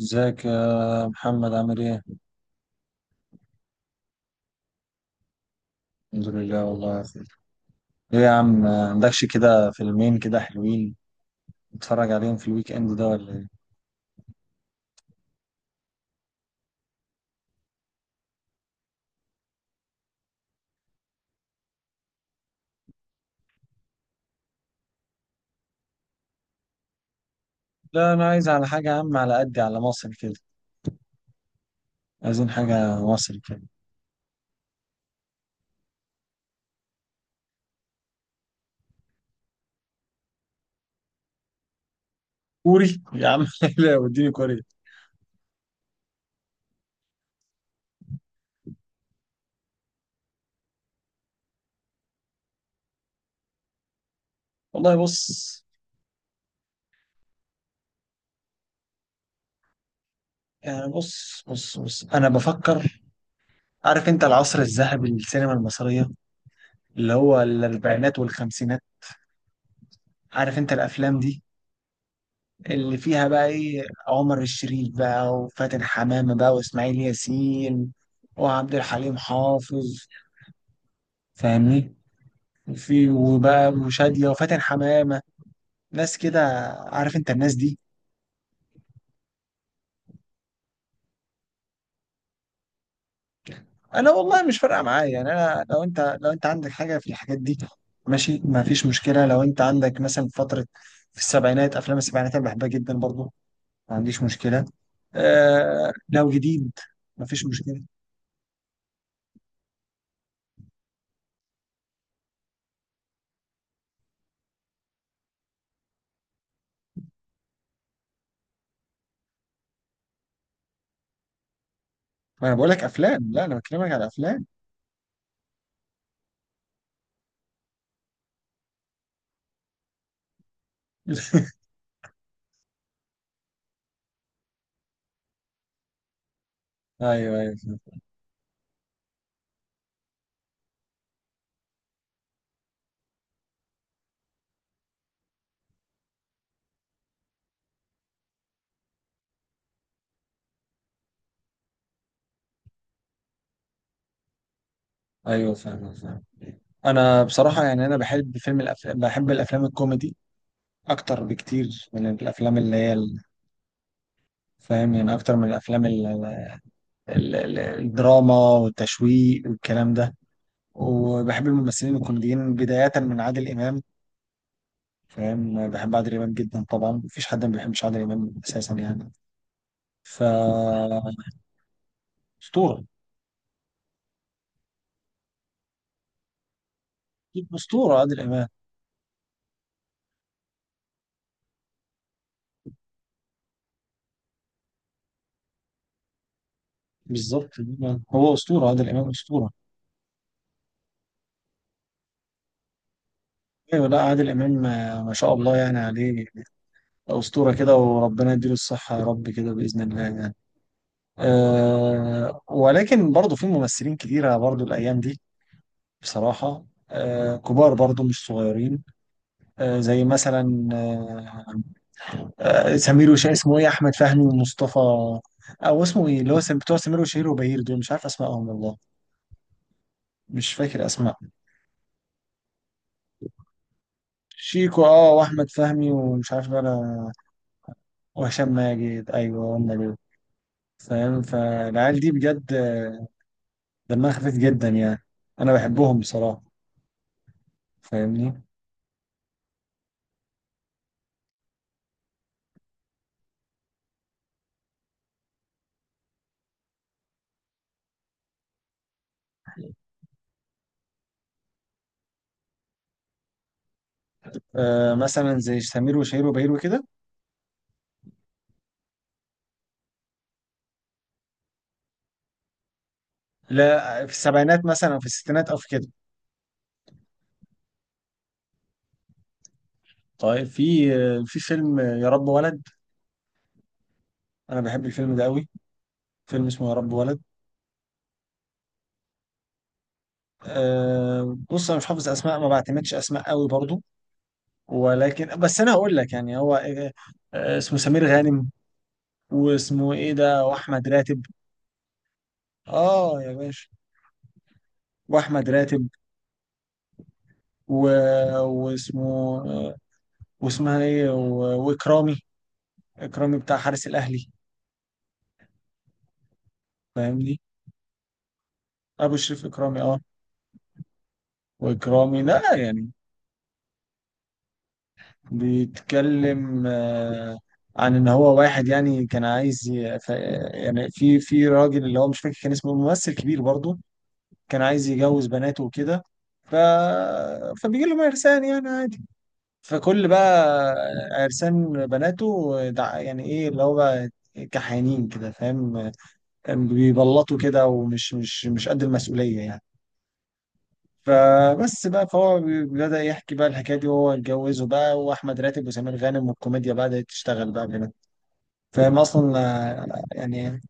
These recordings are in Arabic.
ازيك يا محمد، عامل ايه؟ الحمد لله والله يا أخي. ايه يا عم ما عندكش كده فيلمين كده حلوين نتفرج عليهم في الويك اند ده ولا ايه؟ لا انا عايز على حاجة يا عم، على قدي، على مصر كده. عايزين حاجة مصر كده. كوري يا عم؟ لا، وديني كوري. والله بص، يعني بص بص بص انا بفكر. عارف انت العصر الذهبي للسينما المصرية، اللي هو الاربعينات والخمسينات؟ عارف انت الافلام دي اللي فيها بقى ايه؟ عمر الشريف بقى، وفاتن حمامة بقى، واسماعيل ياسين، وعبد الحليم حافظ، فاهمني، في وبقى وشادية وفاتن حمامة، ناس كده، عارف انت الناس دي؟ انا والله مش فارقة معايا يعني، انا لو انت عندك حاجة في الحاجات دي ماشي، ما فيش مشكلة. لو انت عندك مثلا فترة في السبعينات، افلام السبعينات انا بحبها جدا برضو، ما عنديش مشكلة. آه، لو جديد ما فيش مشكلة. ما انا بقول لك افلام، لا انا بكلمك على افلام. ايوه ايوه، فاهم. ايوه، فاهم فاهم. انا بصراحه يعني، انا بحب الأفلام، بحب الافلام الكوميدي اكتر بكتير من الافلام اللي هي فاهم يعني، اكتر من الافلام الدراما والتشويق والكلام ده. وبحب الممثلين الكوميديين بدايه من عادل امام. فاهم، بحب عادل امام جدا طبعا، مفيش حد ما بيحبش عادل امام اساسا يعني. ف اسطوره، اسطوره عادل امام. بالظبط، هو اسطوره عادل امام، اسطوره. ايوه، لا عادل امام، ما شاء الله يعني عليه. أسطورة كده، وربنا يديله الصحة يا رب كده بإذن الله يعني. ولكن برضه في ممثلين كتيرة برضه الأيام دي، بصراحة كبار برضه مش صغيرين. زي مثلا، سمير وشهير، اسمه إيه، أحمد فهمي ومصطفى. أو اسمه إيه اللي هو بتوع سمير وشهير وبهير، دول مش عارف أسمائهم والله، مش فاكر أسماء. شيكو، وأحمد فهمي، ومش عارف بقى وهشام ماجد، أيوه هم دول. فاهم، فالعيال دي بجد دمها خفيف جدا يعني. انا بحبهم بصراحه، فاهمني. مثلا زي سمير وشهير وبهير وكده. لا، في السبعينات مثلا، أو في الستينات، او في كده. طيب، في في فيلم يا رب ولد. انا بحب الفيلم ده قوي. فيلم اسمه يا رب ولد. بص، انا مش حافظ اسماء، ما بعتمدش اسماء قوي برضو. ولكن بس انا هقول لك يعني، هو اسمه سمير غانم. واسمه ايه ده، واحمد راتب. اه يا باشا. واحمد راتب، و... واسمه آه، واسمها ايه، واكرامي. اكرامي بتاع حارس الاهلي، فاهمني، ابو شريف اكرامي، اه، واكرامي لا يعني. بيتكلم عن ان هو واحد، يعني كان عايز يعني في راجل اللي هو مش فاكر كان اسمه، ممثل كبير برضه، كان عايز يجوز بناته وكده. ف... فبيجي لهم عرسان يعني عادي. فكل بقى عرسان بناته يعني ايه اللي هو بقى، كحيانين كده، فاهم، بيبلطوا كده ومش مش مش قد المسؤولية يعني. فبس بقى، فهو بدأ يحكي بقى الحكاية دي، وهو اتجوزه بقى، وأحمد راتب وسمير غانم والكوميديا بدأت تشتغل بقى كده. فاهم أصلا، يعني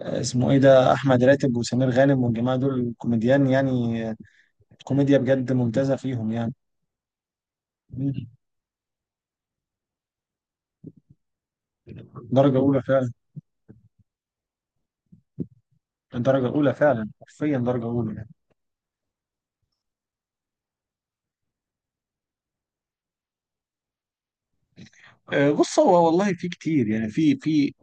اسمه إيه ده، أحمد راتب وسمير غانم والجماعة دول كوميديان يعني. آه، كوميديا بجد ممتازة فيهم يعني. درجة أولى فعلا. درجة أولى فعلا، حرفيا درجة أولى يعني. بص، هو والله في كتير يعني، في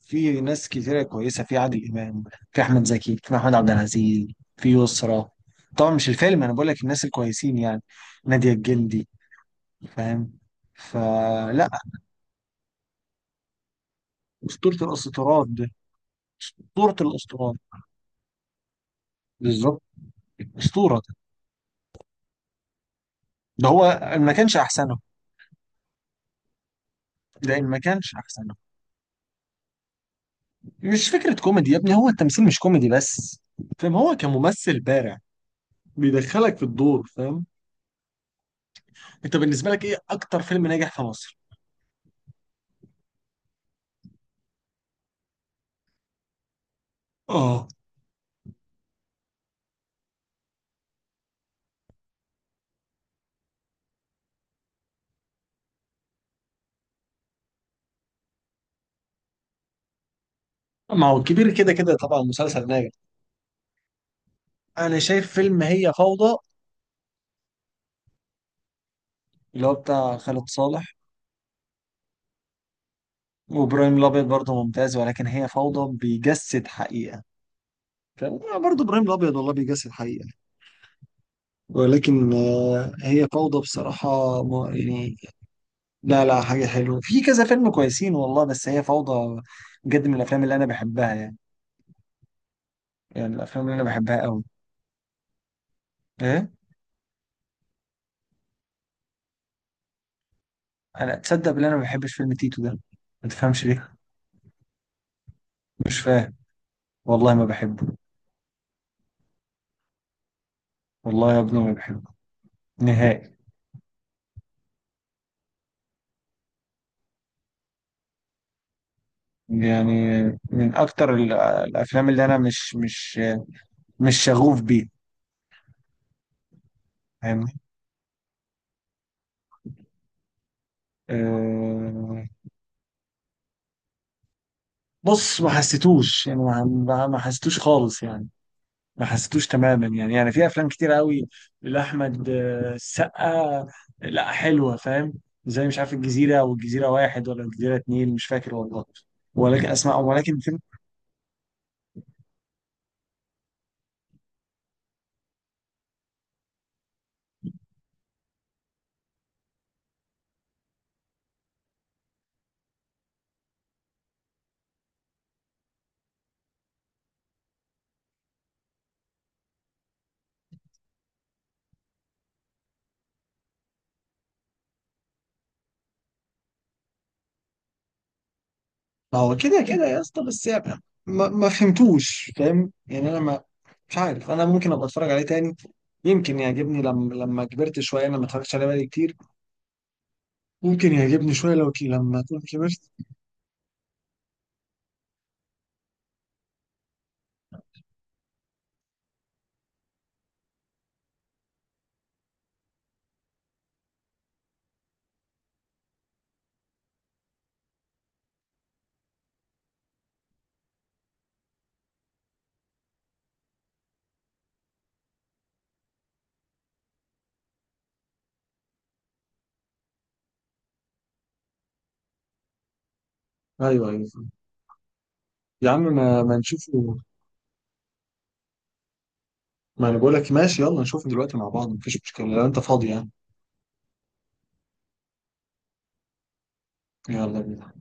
في ناس كتيرة كويسة، في عادل إمام، في أحمد زكي، في محمود عبد العزيز، في يسرا. طبعا مش الفيلم، أنا بقول لك الناس الكويسين يعني، نادية الجندي، فاهم. فلا، أسطورة الأسطورات ده. أسطورة الأسطورات، بالظبط. أسطورة، ده هو، ما كانش أحسنه. ده ما كانش أحسنه. مش فكرة كوميدي يا ابني، هو التمثيل مش كوميدي بس، فاهم، هو كممثل بارع، بيدخلك في الدور، فاهم. أنت بالنسبة لك إيه أكتر فيلم ناجح في مصر؟ اه. ما هو الكبير كده كده طبعا مسلسل ناجح. انا شايف فيلم هي فوضى، اللي هو بتاع خالد صالح. وابراهيم الابيض برضه ممتاز، ولكن هي فوضى بيجسد حقيقة، فاهم؟ برضه ابراهيم الابيض والله بيجسد حقيقة، ولكن هي فوضى بصراحة. يعني لا لا، حاجة حلوة في كذا فيلم كويسين والله، بس هي فوضى بجد من الافلام اللي انا بحبها يعني، يعني الافلام اللي انا بحبها قوي. ايه؟ انا تصدق ان انا ما بحبش فيلم تيتو ده، ما تفهمش ليه. مش فاهم، والله ما بحبه. والله يا ابني ما بحبه، نهائي. يعني من اكتر الافلام اللي انا مش شغوف بيه، فاهمني. أه، بص، ما حسيتوش يعني، ما ما حسيتوش خالص يعني، ما حسيتوش تماما يعني. في افلام كتير قوي لاحمد السقا، لا حلوه، فاهم؟ زي مش عارف، الجزيره والجزيره واحد ولا الجزيره اتنين، مش فاكر والله، ولكن اسماء، ولكن فيلم. ما هو كده كده يا اسطى، بس يعني ما فهمتوش، فاهم يعني، انا ما مش عارف، انا ممكن ابقى اتفرج عليه تاني، يمكن يعجبني لما كبرت شويه، انا ما اتفرجتش عليه بقالي كتير، ممكن يعجبني شويه لو لما اكون كبرت. ايوه ايوه، يا عم ما نشوفه. ما انا بقول لك ماشي، يلا نشوفه دلوقتي مع بعض، مفيش مشكله لو انت فاضي يعني. يلا بينا.